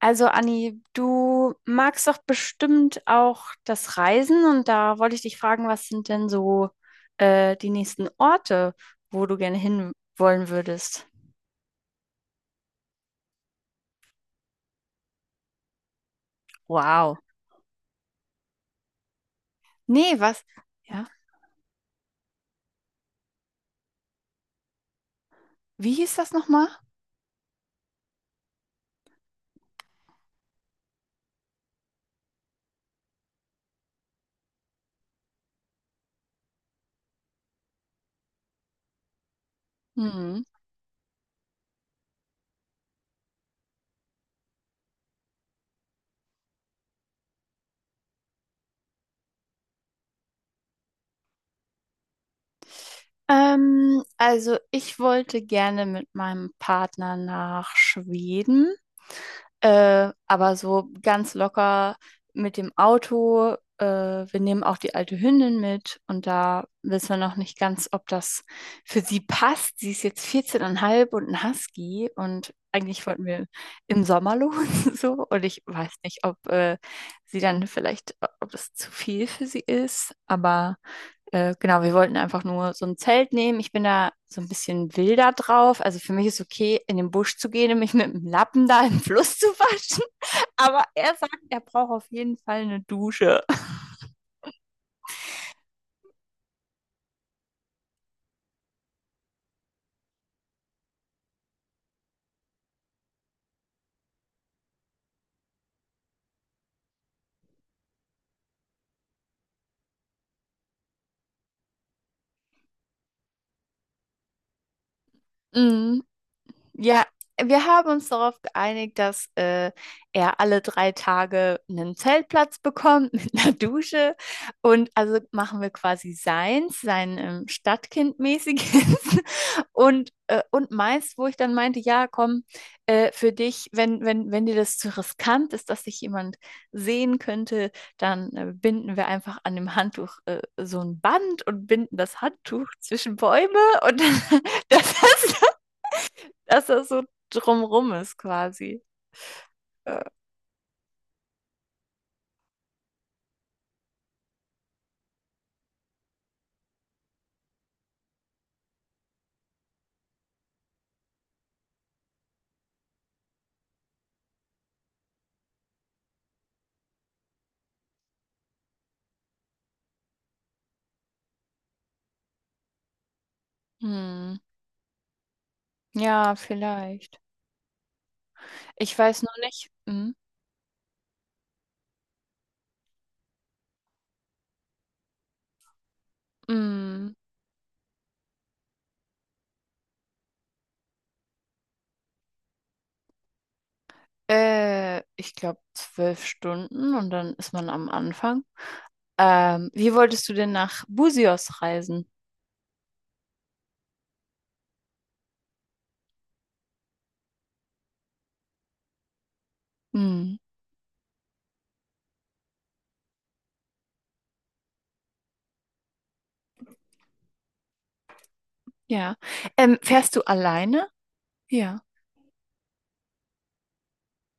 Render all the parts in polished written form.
Also Anni, du magst doch bestimmt auch das Reisen und da wollte ich dich fragen, was sind denn so die nächsten Orte, wo du gerne hin wollen würdest? Wow. Nee, was? Ja. Wie hieß das nochmal? Mhm. Also ich wollte gerne mit meinem Partner nach Schweden. Aber so ganz locker mit dem Auto. Wir nehmen auch die alte Hündin mit und da wissen wir noch nicht ganz, ob das für sie passt. Sie ist jetzt 14,5 und ein Husky und eigentlich wollten wir im Sommer los so, und ich weiß nicht, ob sie dann vielleicht, ob das zu viel für sie ist, aber genau, wir wollten einfach nur so ein Zelt nehmen. Ich bin da so ein bisschen wilder drauf. Also für mich ist okay, in den Busch zu gehen und mich mit dem Lappen da im Fluss zu waschen. Aber er sagt, er braucht auf jeden Fall eine Dusche. Mhm. Ja, wir haben uns darauf geeinigt, dass er alle 3 Tage einen Zeltplatz bekommt mit einer Dusche. Und also machen wir quasi seins, sein Stadtkind-mäßiges und meins, wo ich dann meinte, ja, komm, für dich, wenn dir das zu riskant ist, dass dich jemand sehen könnte, dann binden wir einfach an dem Handtuch so ein Band und binden das Handtuch zwischen Bäume und das ist, dass das so drumrum ist, quasi. Äh, Hm. Ja, vielleicht. Ich weiß nur nicht. Hm. Hm. Ich glaube 12 Stunden und dann ist man am Anfang. Wie wolltest du denn nach Busios reisen? Hm. Ja. Fährst du alleine? Ja.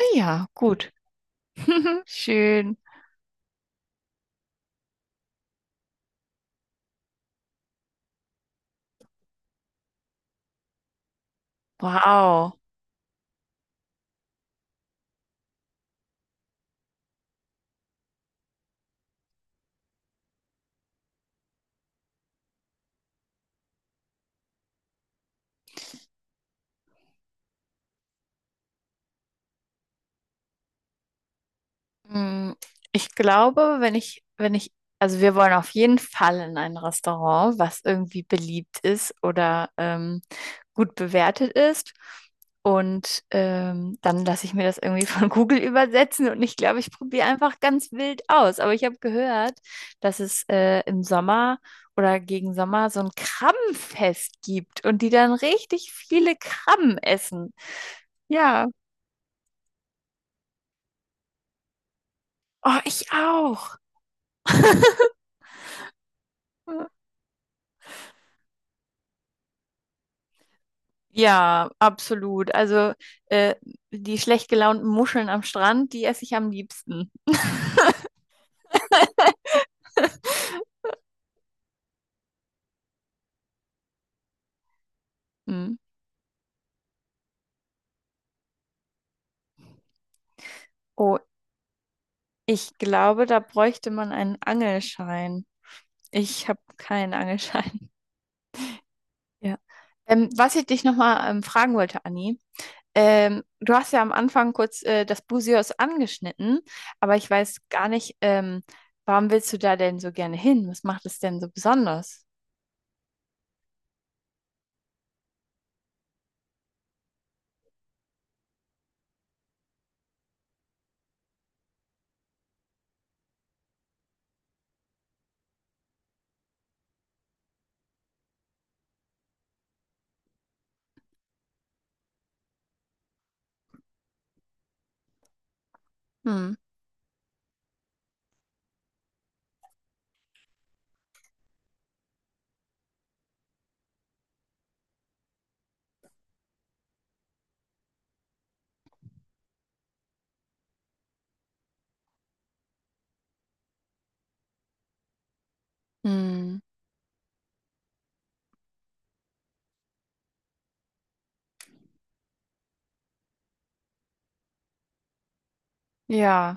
Ah, ja, gut. Schön. Wow. Mm, ich glaube, wenn ich, wenn ich, also wir wollen auf jeden Fall in ein Restaurant, was irgendwie beliebt ist oder gut bewertet ist. Und dann lasse ich mir das irgendwie von Google übersetzen und ich glaube, ich probiere einfach ganz wild aus. Aber ich habe gehört, dass es im Sommer oder gegen Sommer so ein Krabbenfest gibt und die dann richtig viele Krabben essen. Ja, oh, ich auch. Ja, absolut. Also äh, die schlecht gelaunten Muscheln am Strand, die esse ich am liebsten. Hm. Oh, ich glaube, da bräuchte man einen Angelschein. Ich habe keinen Angelschein. Ja. Was ich dich nochmal fragen wollte, Anni, du hast ja am Anfang kurz das Busios angeschnitten, aber ich weiß gar nicht, warum willst du da denn so gerne hin? Was macht es denn so besonders? Hm. Hm. Ja.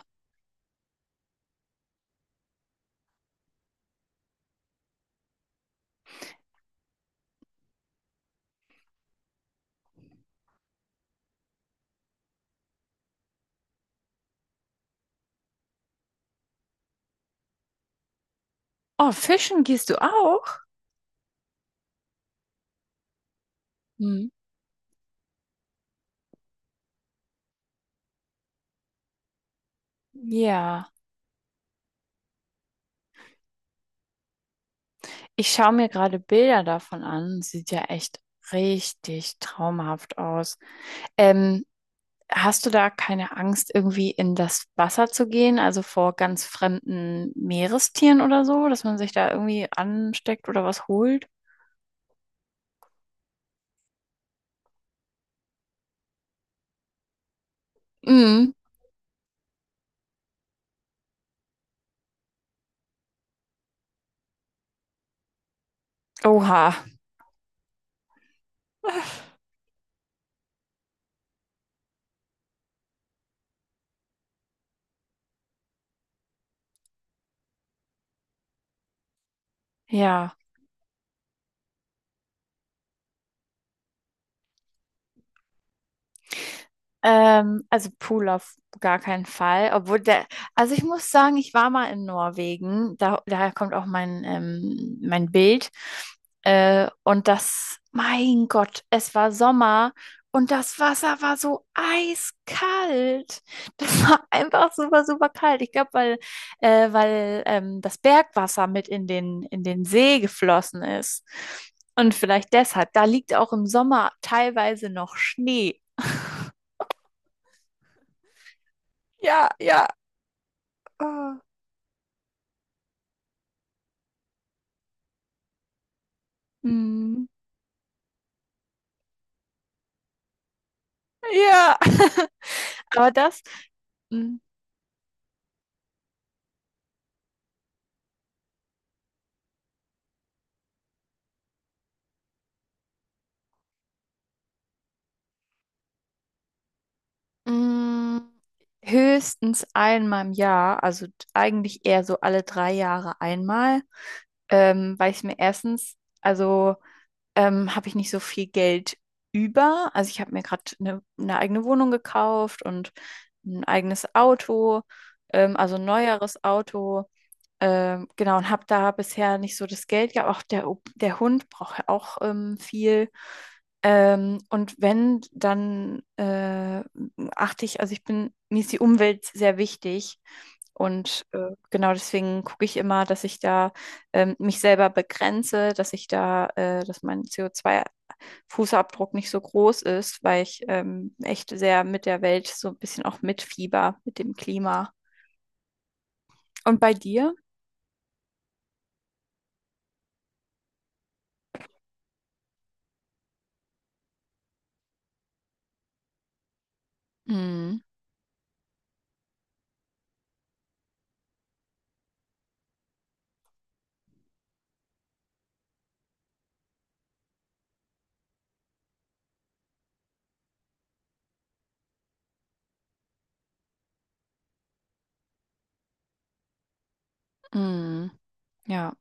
Oh, fischen gehst du auch? Mhm. Ja, ich schaue mir gerade Bilder davon an. Sieht ja echt richtig traumhaft aus. Ähm, hast du da keine Angst, irgendwie in das Wasser zu gehen, also vor ganz fremden Meerestieren oder so, dass man sich da irgendwie ansteckt oder was holt? Mhm. Oha. Ja. Also Pool auf gar keinen Fall. Obwohl der, also ich muss sagen, ich war mal in Norwegen. Da, daher kommt auch mein Bild. Und das, mein Gott, es war Sommer und das Wasser war so eiskalt. Das war einfach super, super kalt. Ich glaube, weil das Bergwasser mit in den See geflossen ist. Und vielleicht deshalb, da liegt auch im Sommer teilweise noch Schnee. Ja, ja. Ah. Mm. Ja. Aber das mm, mm, höchstens einmal im Jahr, also eigentlich eher so alle 3 Jahre einmal, weil ich mir erstens, also habe ich nicht so viel Geld über. Also ich habe mir gerade eine eigene Wohnung gekauft und ein eigenes Auto, also ein neueres Auto. Genau, und habe da bisher nicht so das Geld gehabt. Auch der Hund braucht ja auch viel. Und wenn, dann achte ich, also ich bin, mir ist die Umwelt sehr wichtig. Und genau deswegen gucke ich immer, dass ich da mich selber begrenze, dass ich da, dass mein CO2 Fußabdruck nicht so groß ist, weil ich echt sehr mit der Welt so ein bisschen auch mitfieber, mit dem Klima. Und bei dir? Mm. Mm. Ja.